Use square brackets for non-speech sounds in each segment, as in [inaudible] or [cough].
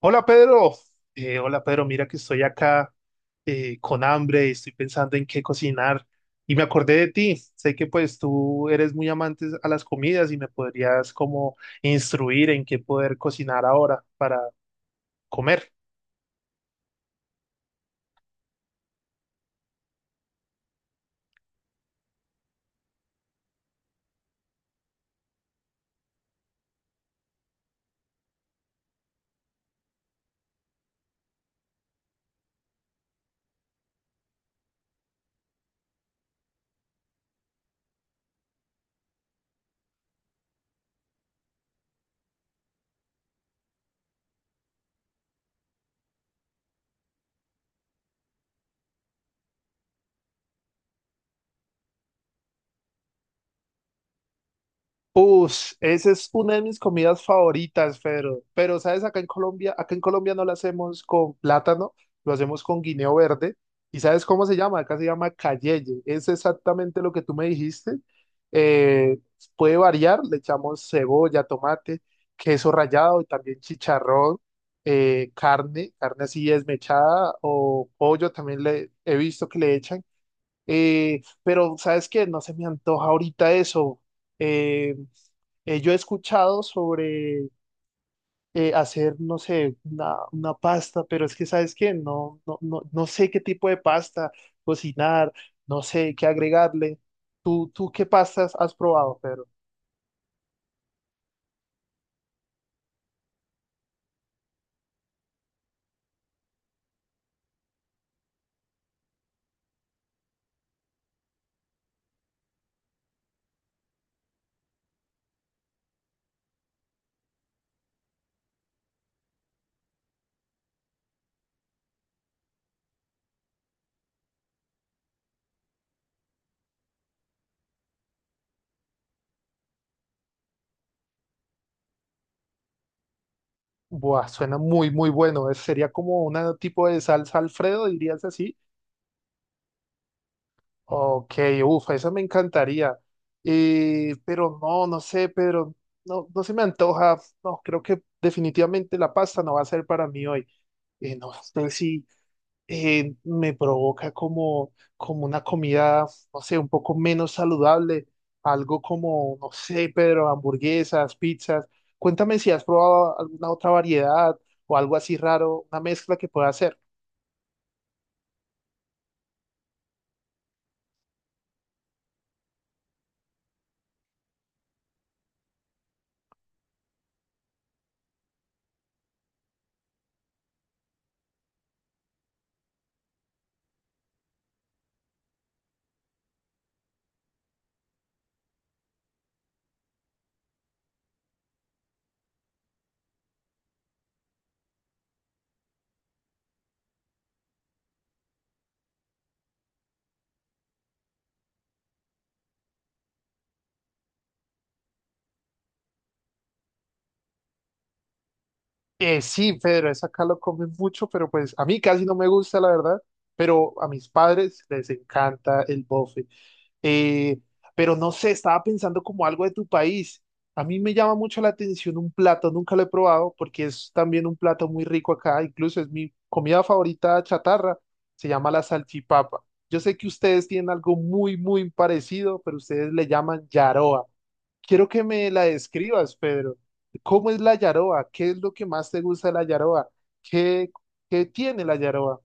Hola Pedro. Hola Pedro, mira que estoy acá con hambre y estoy pensando en qué cocinar y me acordé de ti, sé que pues tú eres muy amante a las comidas y me podrías como instruir en qué poder cocinar ahora para comer. Uf, esa es una de mis comidas favoritas, Pedro. Pero, ¿sabes? Acá en Colombia no la hacemos con plátano, lo hacemos con guineo verde. ¿Y sabes cómo se llama? Acá se llama cayeye. Es exactamente lo que tú me dijiste. Eh, Puede variar, le echamos cebolla, tomate, queso rallado y también chicharrón, carne, carne así desmechada o pollo también le he visto que le echan. Pero, ¿sabes qué? No se me antoja ahorita eso. Eh, yo he escuchado sobre hacer, no sé, una pasta, pero es que, ¿sabes qué? No, no, no, no sé qué tipo de pasta cocinar, no sé qué agregarle. ¿Tú qué pastas has probado, Pedro? Buah, suena muy, muy bueno. Es- sería como un tipo de salsa Alfredo, dirías así. Ok, uff, eso me encantaría. Pero no, no sé, Pedro, no, no se me antoja. No, creo que definitivamente la pasta no va a ser para mí hoy. No sé si me provoca como, como una comida, no sé, un poco menos saludable, algo como, no sé, Pedro, hamburguesas, pizzas. Cuéntame si has probado alguna otra variedad o algo así raro, una mezcla que pueda hacer. Sí, Pedro, es acá lo comen mucho, pero pues a mí casi no me gusta, la verdad, pero a mis padres les encanta el bofe. Eh, pero no sé, estaba pensando como algo de tu país. A mí me llama mucho la atención un plato, nunca lo he probado porque es también un plato muy rico acá, incluso es mi comida favorita chatarra, se llama la salchipapa. Yo sé que ustedes tienen algo muy, muy parecido, pero ustedes le llaman yaroa. Quiero que me la describas, Pedro. ¿Cómo es la yaroa? ¿Qué es lo que más te gusta de la yaroa? ¿Qué, ¿Qué tiene la yaroa?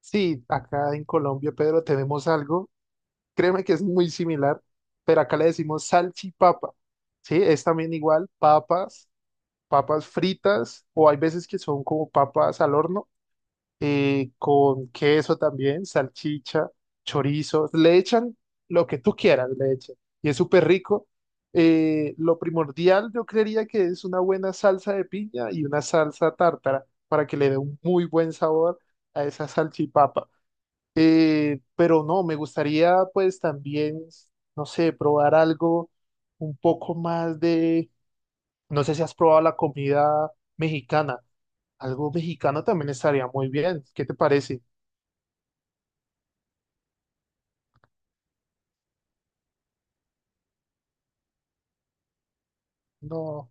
Sí, acá en Colombia, Pedro, tenemos algo. Créeme que es muy similar, pero acá le decimos salchipapa. Sí, es también igual, papas fritas, o hay veces que son como papas al horno, con queso también, salchicha, chorizo, le echan lo que tú quieras, le echan, y es súper rico. Lo primordial yo creería que es una buena salsa de piña y una salsa tártara para que le dé un muy buen sabor a esa salchipapa. Pero no, me gustaría pues también, no sé, probar algo un poco más de, no sé si has probado la comida mexicana, algo mexicano también estaría muy bien, ¿qué te parece? No,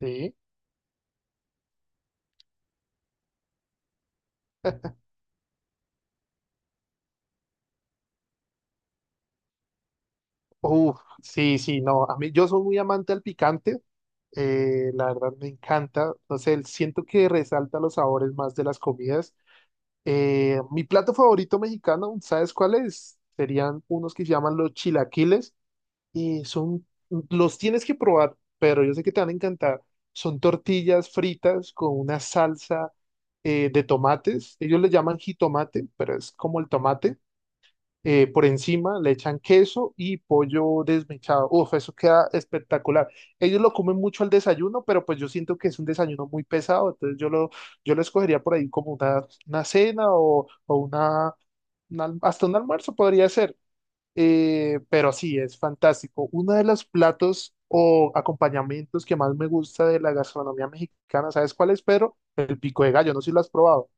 sí. [laughs] Uf, sí, sí, no, a mí yo soy muy amante al picante, la verdad me encanta, no sé, siento que resalta los sabores más de las comidas. Mi plato favorito mexicano, ¿sabes cuál es? Serían unos que se llaman los chilaquiles. Y son, los tienes que probar, pero yo sé que te van a encantar. Son tortillas fritas con una salsa de tomates. Ellos le llaman jitomate, pero es como el tomate. Por encima le echan queso y pollo desmechado. Uf, eso queda espectacular. Ellos lo comen mucho al desayuno, pero pues yo siento que es un desayuno muy pesado. Entonces yo lo escogería por ahí como una cena o una- hasta un almuerzo podría ser. Pero sí, es fantástico. Uno de los platos o acompañamientos que más me gusta de la gastronomía mexicana, ¿sabes cuál es, Pedro? El pico de gallo, no sé si lo has probado.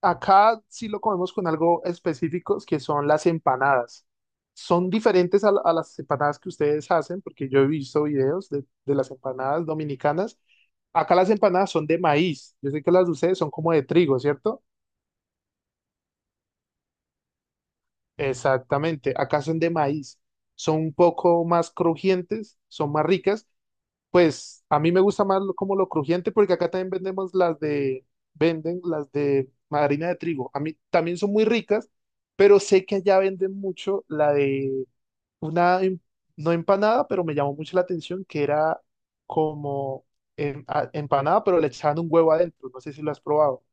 Acá sí lo comemos con algo específicos que son las empanadas. Son diferentes a, la- a las empanadas que ustedes hacen, porque yo he visto videos de las empanadas dominicanas. Acá las empanadas son de maíz. Yo sé que las de ustedes son como de trigo, ¿cierto? Exactamente, acá son de maíz, son un poco más crujientes, son más ricas. Pues a mí me gusta más lo- como lo crujiente porque acá también vendemos venden las de harina de trigo. A mí también son muy ricas, pero sé que allá venden mucho la de una, em- no empanada, pero me llamó mucho la atención que era como em- a- empanada, pero le echaban un huevo adentro. No sé si lo has probado.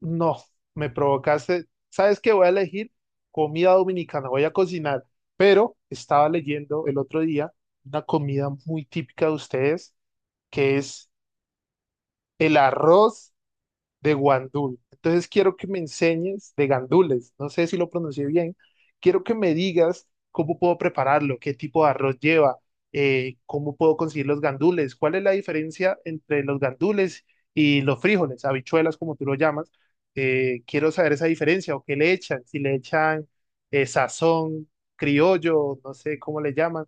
No, me provocaste. ¿Sabes qué? Voy a elegir comida dominicana, voy a cocinar, pero estaba leyendo el otro día una comida muy típica de ustedes, que es el arroz de Guandul. Entonces quiero que me enseñes de gandules, no sé si lo pronuncié bien, quiero que me digas cómo puedo prepararlo, qué tipo de arroz lleva, cómo puedo conseguir los gandules, cuál es la diferencia entre los gandules y los frijoles, habichuelas como tú lo llamas. Quiero saber esa diferencia o qué le echan, si le echan sazón, criollo, no sé cómo le llaman,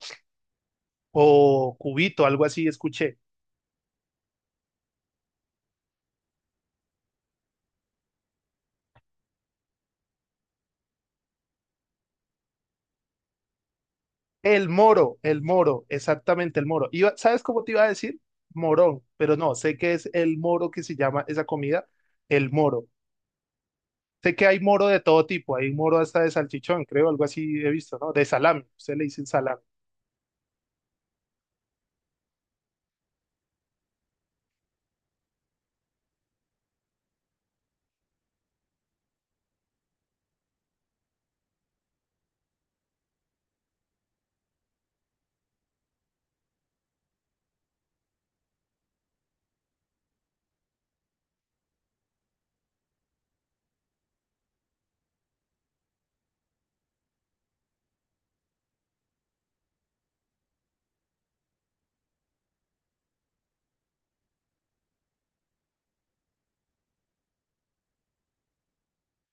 o cubito, algo así, escuché. El moro, exactamente el moro. Iba, ¿sabes cómo te iba a decir? Morón, pero no, sé que es el moro que se llama esa comida, el moro. Sé que hay moro de todo tipo, hay moro hasta de salchichón, creo, algo así he visto, ¿no? De salami, usted le dice salami.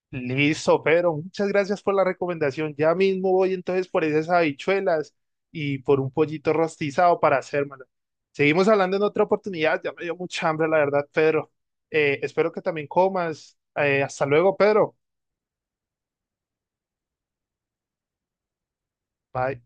Listo, Pedro, muchas gracias por la recomendación. Ya mismo voy entonces por esas habichuelas y por un pollito rostizado para hacérmelo. Seguimos hablando en otra oportunidad, ya me dio mucha hambre, la verdad, Pedro. Espero que también comas. Hasta luego, Pedro. Bye.